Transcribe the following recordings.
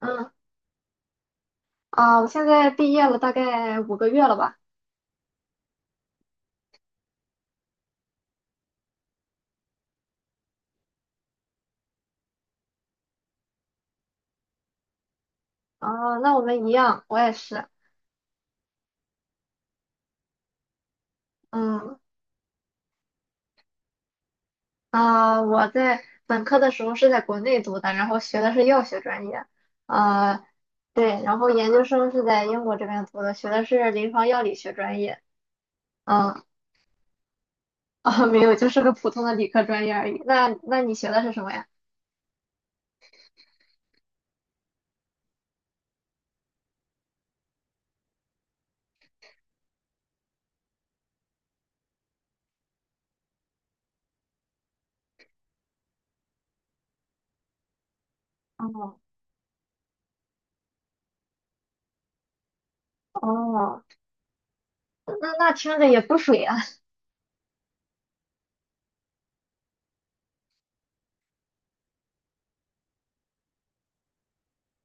嗯啊，我现在毕业了大概5个月了吧？啊，那我们一样，我也是。嗯啊，我在本科的时候是在国内读的，然后学的是药学专业。啊，对，然后研究生是在英国这边读的，学的是临床药理学专业。嗯啊，没有，就是个普通的理科专业而已。那你学的是什么呀？哦哦，那听着也不水啊。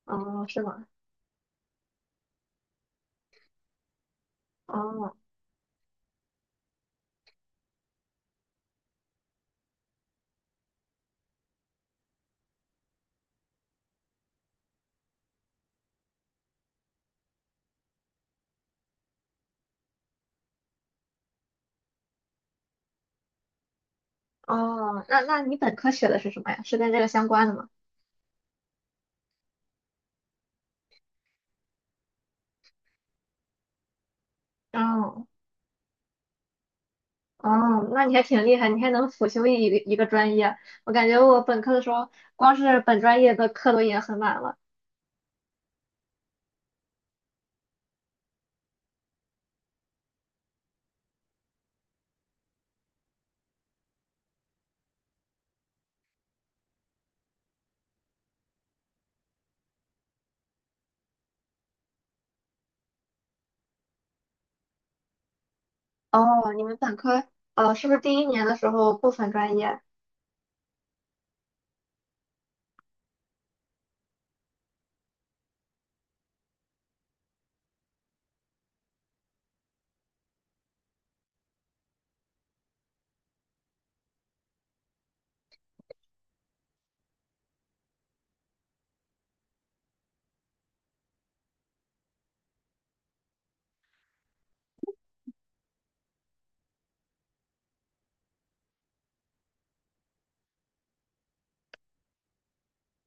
哦，是吗？哦哦，那你本科学的是什么呀？是跟这个相关的吗？哦哦，那你还挺厉害，你还能辅修一个专业。我感觉我本科的时候，光是本专业的课都已经很满了。哦，你们本科，是不是第一年的时候不分专业？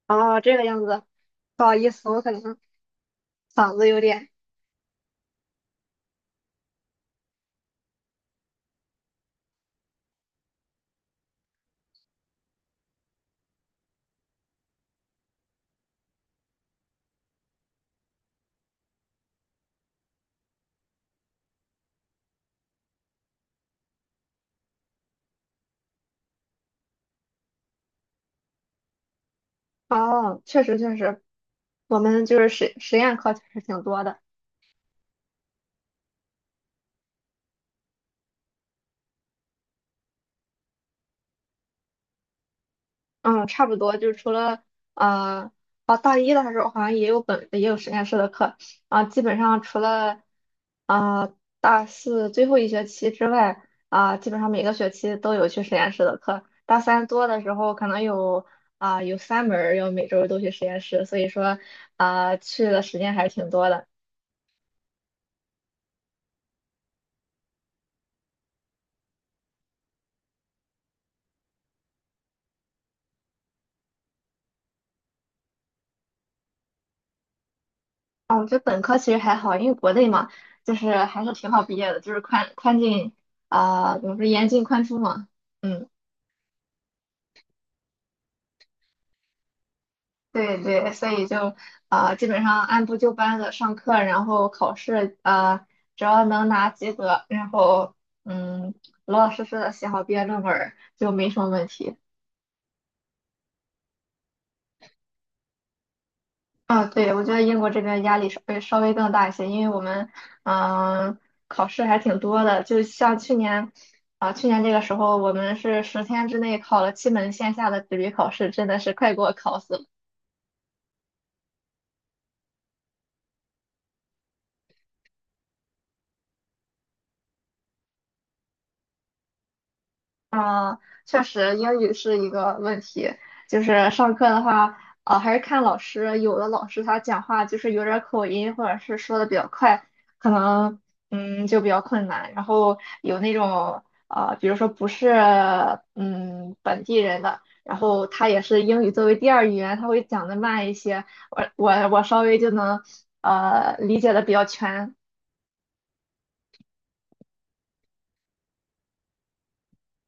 哦，这个样子，不好意思，我可能嗓子有点。哦，确实确实，我们就是实验课确实挺多的。嗯，差不多，就除了啊哦，大一的时候好像也有也有实验室的课啊，基本上除了啊、大四最后一学期之外基本上每个学期都有去实验室的课。大三多的时候可能有三门儿要每周都去实验室，所以说去的时间还是挺多的。啊，我觉得本科其实还好，因为国内嘛，就是还是挺好毕业的，就是宽宽进啊、怎么说严进宽出嘛。嗯。对对，所以就基本上按部就班的上课，然后考试，只要能拿及格，然后嗯，老老实实的写好毕业论文儿就没什么问题。啊，对，我觉得英国这边压力稍微更大一些，因为我们嗯、呃考试还挺多的，就像去年这个时候我们是10天之内考了7门线下的纸笔考试，真的是快给我考死了。啊，确实，英语是一个问题。就是上课的话，还是看老师。有的老师他讲话就是有点儿口音，或者是说的比较快，可能就比较困难。然后有那种比如说不是本地人的，然后他也是英语作为第二语言，他会讲的慢一些，我稍微就能理解的比较全。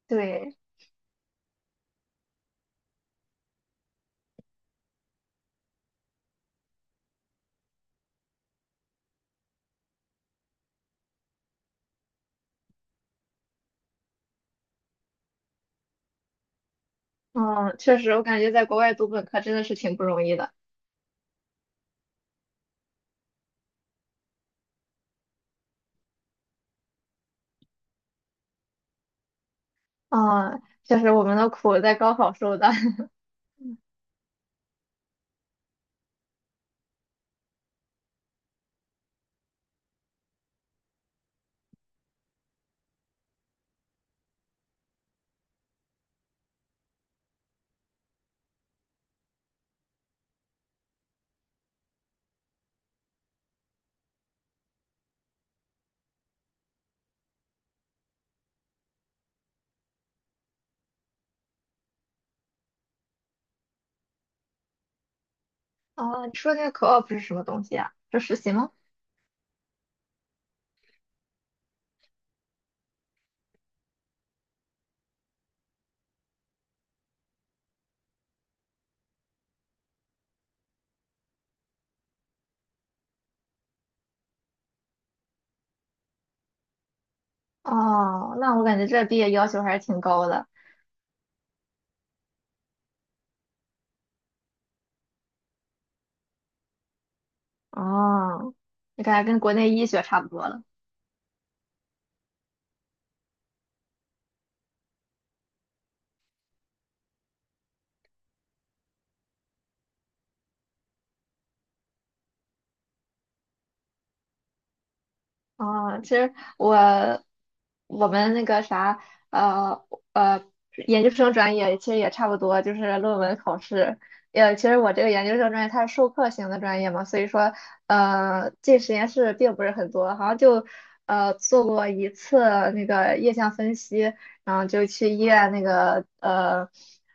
对，嗯，确实，我感觉在国外读本科真的是挺不容易的。啊，就是我们的苦在高考受的。啊，你说这个 co-op 是什么东西啊？是实习吗？哦，那我感觉这毕业要求还是挺高的。哦，你感觉跟国内医学差不多了。啊，其实我们那个啥，呃呃，研究生专业其实也差不多，就是论文考试。其实我这个研究生专业它是授课型的专业嘛，所以说进实验室并不是很多，好像就做过一次那个液相分析，然后就去医院那个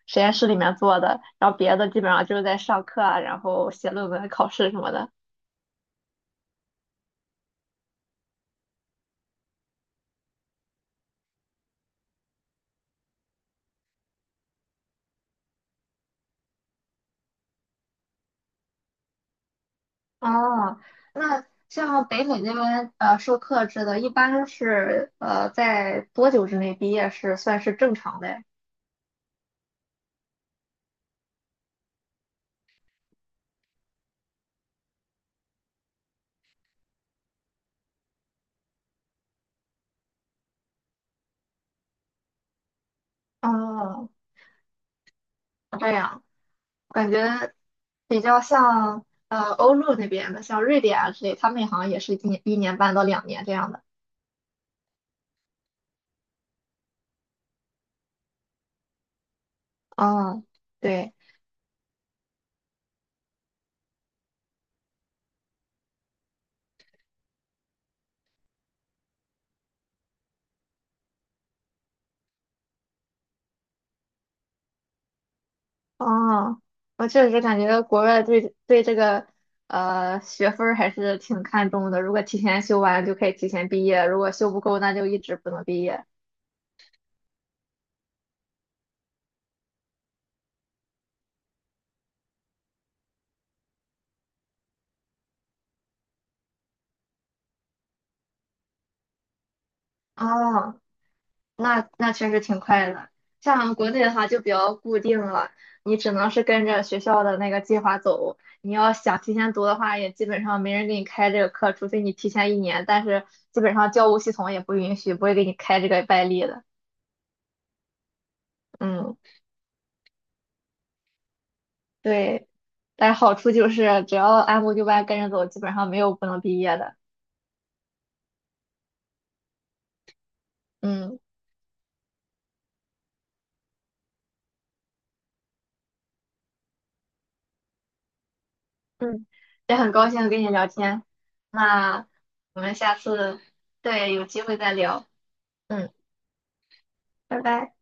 实验室里面做的，然后别的基本上就是在上课啊，然后写论文、考试什么的。哦，那像北美那边授课制的，一般是在多久之内毕业是算是正常的呀？哦，这样感觉比较像欧陆那边的，像瑞典啊之类，他们好像也是一年1年半到2年这样的。哦，对，哦，我确实感觉国外对这个学分儿还是挺看重的，如果提前修完就可以提前毕业，如果修不够那就一直不能毕业。哦，那确实挺快的。像国内的话就比较固定了，你只能是跟着学校的那个计划走。你要想提前读的话，也基本上没人给你开这个课，除非你提前一年。但是基本上教务系统也不允许，不会给你开这个外例的。嗯，对。但是好处就是只要按部就班跟着走，基本上没有不能毕业的。嗯嗯，也很高兴跟你聊天。那我们下次。对，有机会再聊。嗯，拜拜。